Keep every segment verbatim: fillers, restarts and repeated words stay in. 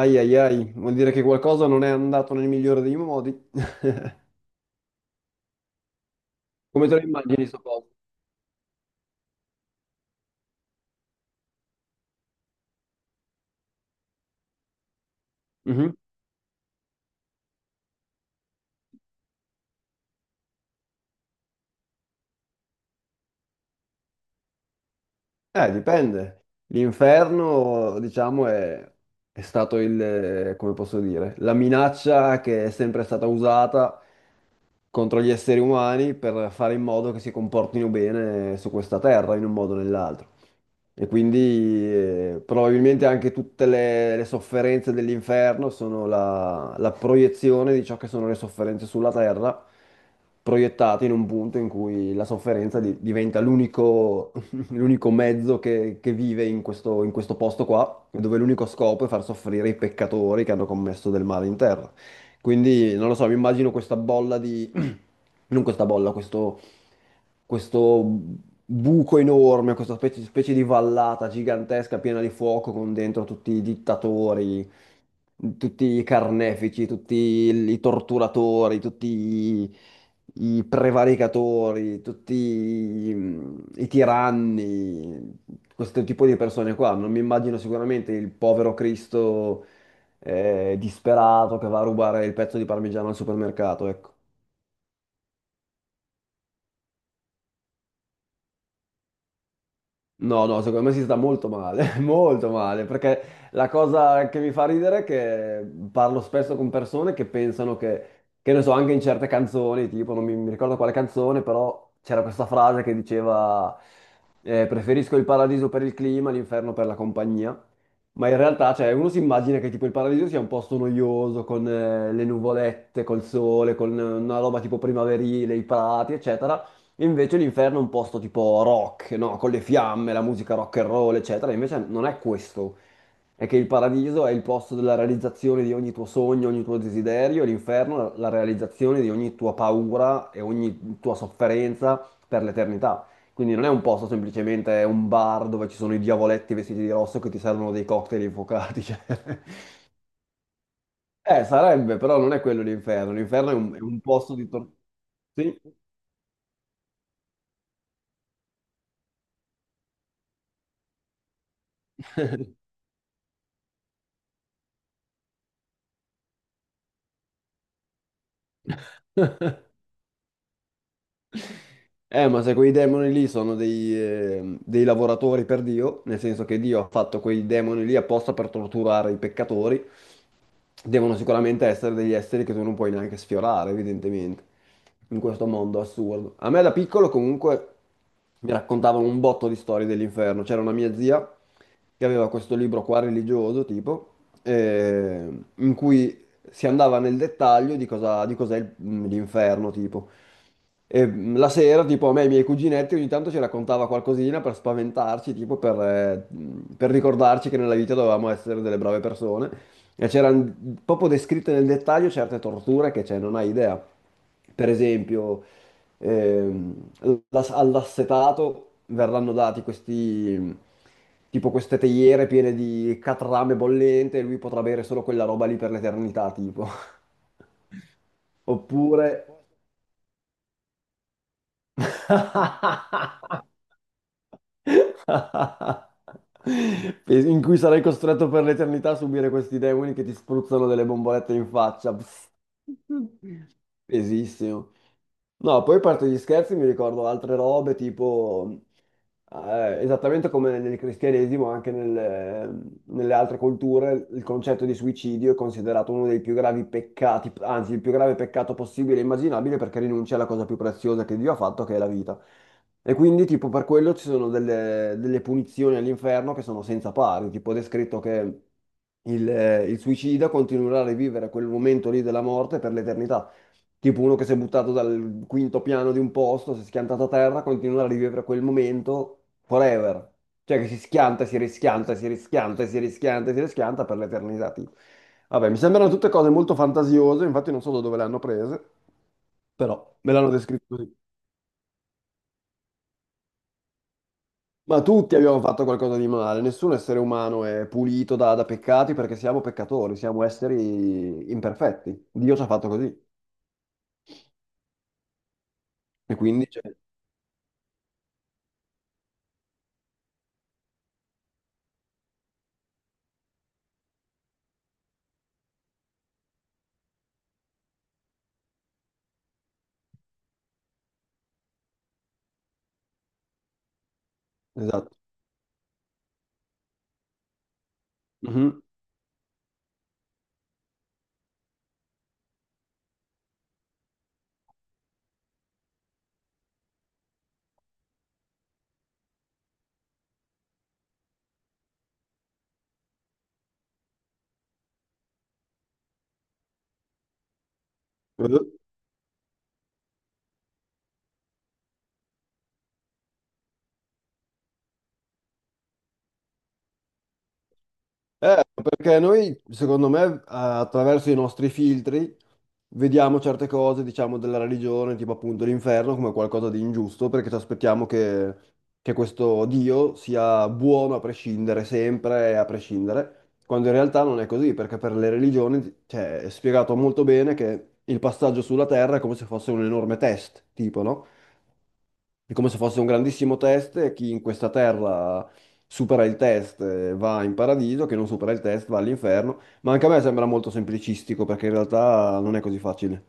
Ai ai ai, vuol dire che qualcosa non è andato nel migliore dei modi. Come te lo immagini, sto posto? Mhm. Eh, dipende. L'inferno, diciamo, è, è stato il, eh, come posso dire, la minaccia che è sempre stata usata contro gli esseri umani per fare in modo che si comportino bene su questa terra, in un modo o nell'altro. E quindi eh, probabilmente anche tutte le, le sofferenze dell'inferno sono la, la proiezione di ciò che sono le sofferenze sulla terra, proiettate in un punto in cui la sofferenza di- diventa l'unico l'unico mezzo che, che vive in questo, in questo posto qua, dove l'unico scopo è far soffrire i peccatori che hanno commesso del male in terra. Quindi, non lo so, mi immagino questa bolla di non questa bolla, questo, questo buco enorme, questa specie, specie di vallata gigantesca piena di fuoco con dentro tutti i dittatori, tutti i carnefici, tutti i torturatori, tutti i, i prevaricatori, tutti i, i tiranni, questo tipo di persone qua. Non mi immagino sicuramente il povero Cristo eh, disperato che va a rubare il pezzo di parmigiano al supermercato, ecco. No, no, secondo me si sta molto male, molto male, perché la cosa che mi fa ridere è che parlo spesso con persone che pensano che, che ne so, anche in certe canzoni, tipo, non mi, mi ricordo quale canzone, però c'era questa frase che diceva eh, preferisco il paradiso per il clima, l'inferno per la compagnia, ma in realtà, cioè, uno si immagina che tipo il paradiso sia un posto noioso, con eh, le nuvolette, col sole, con eh, una roba tipo primaverile, i prati, eccetera. Invece l'inferno è un posto tipo rock, no? Con le fiamme, la musica rock and roll, eccetera. Invece non è questo. È che il paradiso è il posto della realizzazione di ogni tuo sogno, ogni tuo desiderio, e l'inferno la la realizzazione di ogni tua paura e ogni tua sofferenza per l'eternità. Quindi non è un posto semplicemente è un bar dove ci sono i diavoletti vestiti di rosso che ti servono dei cocktail infuocati. Cioè. Eh, sarebbe, però non è quello l'inferno. L'inferno è un, è un posto di tor- Sì. Eh, ma se quei demoni lì sono dei, eh, dei lavoratori per Dio, nel senso che Dio ha fatto quei demoni lì apposta per torturare i peccatori, devono sicuramente essere degli esseri che tu non puoi neanche sfiorare, evidentemente, in questo mondo assurdo. A me da piccolo comunque mi raccontavano un botto di storie dell'inferno. C'era una mia zia che aveva questo libro qua religioso, tipo, eh, in cui si andava nel dettaglio di cosa, di cos'è il- l'inferno, tipo. E mh, la sera, tipo, a me e i miei cuginetti ogni tanto ci raccontava qualcosina per spaventarci, tipo per, eh, mh, per ricordarci che nella vita dovevamo essere delle brave persone. E c'erano proprio descritte nel dettaglio certe torture che, cioè, non hai idea. Per esempio, ehm, l'as- all'assetato verranno dati questi, mh, tipo queste teiere piene di catrame bollente e lui potrà bere solo quella roba lì per l'eternità, tipo. Oppure... in cui sarai costretto per l'eternità a subire questi demoni che ti spruzzano delle bombolette in faccia. Pss, pesissimo. No, poi a parte gli scherzi mi ricordo altre robe tipo, eh, esattamente come nel cristianesimo, anche nel- nelle altre culture, il concetto di suicidio è considerato uno dei più gravi peccati, anzi il più grave peccato possibile e immaginabile perché rinuncia alla cosa più preziosa che Dio ha fatto, che è la vita. E quindi tipo per quello ci sono delle, delle punizioni all'inferno che sono senza pari, tipo è descritto che il il suicida continuerà a rivivere quel momento lì della morte per l'eternità. Tipo uno che si è buttato dal quinto piano di un posto, si è schiantato a terra, continua a rivivere quel momento forever. Cioè che si schianta, si rischianta, si rischianta, si rischianta, si rischianta per l'eternità, tipo. Vabbè, mi sembrano tutte cose molto fantasiose, infatti non so da dove le hanno prese, però me l'hanno descritto così. Ma tutti abbiamo fatto qualcosa di male, nessun essere umano è pulito da, da peccati perché siamo peccatori, siamo esseri imperfetti. Dio ci ha fatto così. E quindi, cioè, esatto. Mhm. Eh, perché noi, secondo me, attraverso i nostri filtri vediamo certe cose, diciamo, della religione, tipo appunto l'inferno, come qualcosa di ingiusto, perché ci aspettiamo che, che questo Dio sia buono a prescindere, sempre e a prescindere, quando in realtà non è così, perché per le religioni, cioè, è spiegato molto bene che il passaggio sulla terra è come se fosse un enorme test, tipo, no? È come se fosse un grandissimo test e chi in questa terra supera il test eh, va in paradiso, chi non supera il test va all'inferno. Ma anche a me sembra molto semplicistico perché in realtà non è così facile.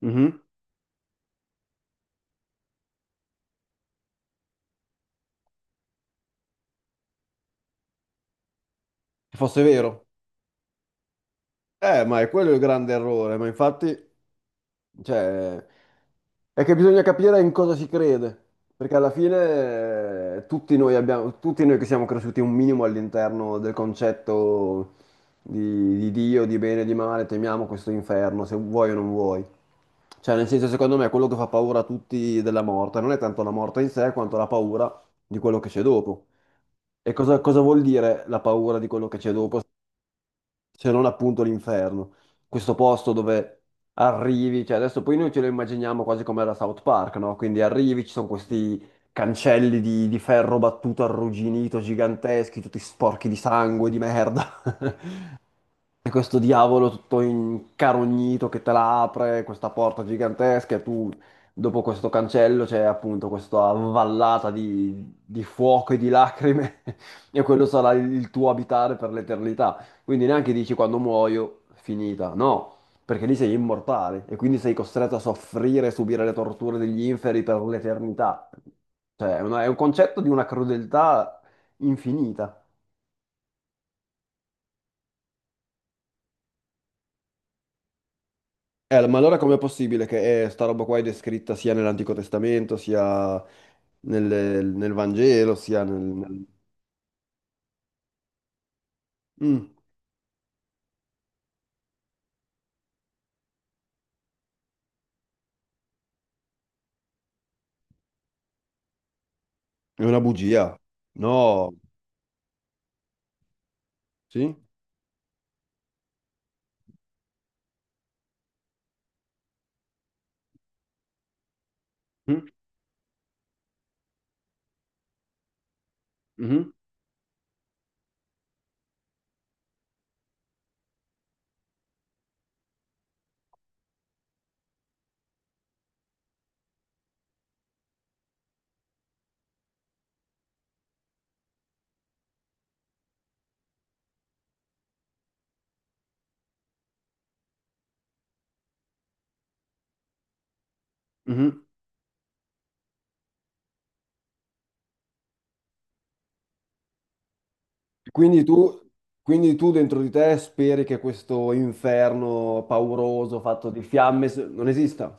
Mhm. Se fosse vero. Eh, ma è quello il grande errore, ma infatti, cioè, è che bisogna capire in cosa si crede, perché alla fine eh, tutti noi abbiamo, tutti noi che siamo cresciuti un minimo all'interno del concetto di, di Dio, di bene e di male, temiamo questo inferno, se vuoi o non vuoi. Cioè, nel senso, secondo me, quello che fa paura a tutti della morte non è tanto la morte in sé, quanto la paura di quello che c'è dopo. E cosa, cosa vuol dire la paura di quello che c'è dopo? Se non appunto l'inferno. Questo posto dove arrivi, cioè adesso poi noi ce lo immaginiamo quasi come era South Park, no? Quindi arrivi, ci sono questi cancelli di, di ferro battuto arrugginito, giganteschi, tutti sporchi di sangue, di merda. E questo diavolo tutto incarognito che te la apre, questa porta gigantesca, e tu dopo questo cancello c'è appunto questa vallata di, di fuoco e di lacrime, e quello sarà il tuo abitare per l'eternità. Quindi neanche dici quando muoio, finita, no, perché lì sei immortale e quindi sei costretto a soffrire e subire le torture degli inferi per l'eternità. Cioè, è una- è un concetto di una crudeltà infinita. Eh, ma allora com'è possibile che eh, sta roba qua è descritta sia nell'Antico Testamento, sia nel, nel Vangelo, sia nel... nel- Mm, è una bugia. No. Sì? Mm, mhm, mhm. Quindi tu, quindi tu dentro di te speri che questo inferno pauroso fatto di fiamme s- non esista?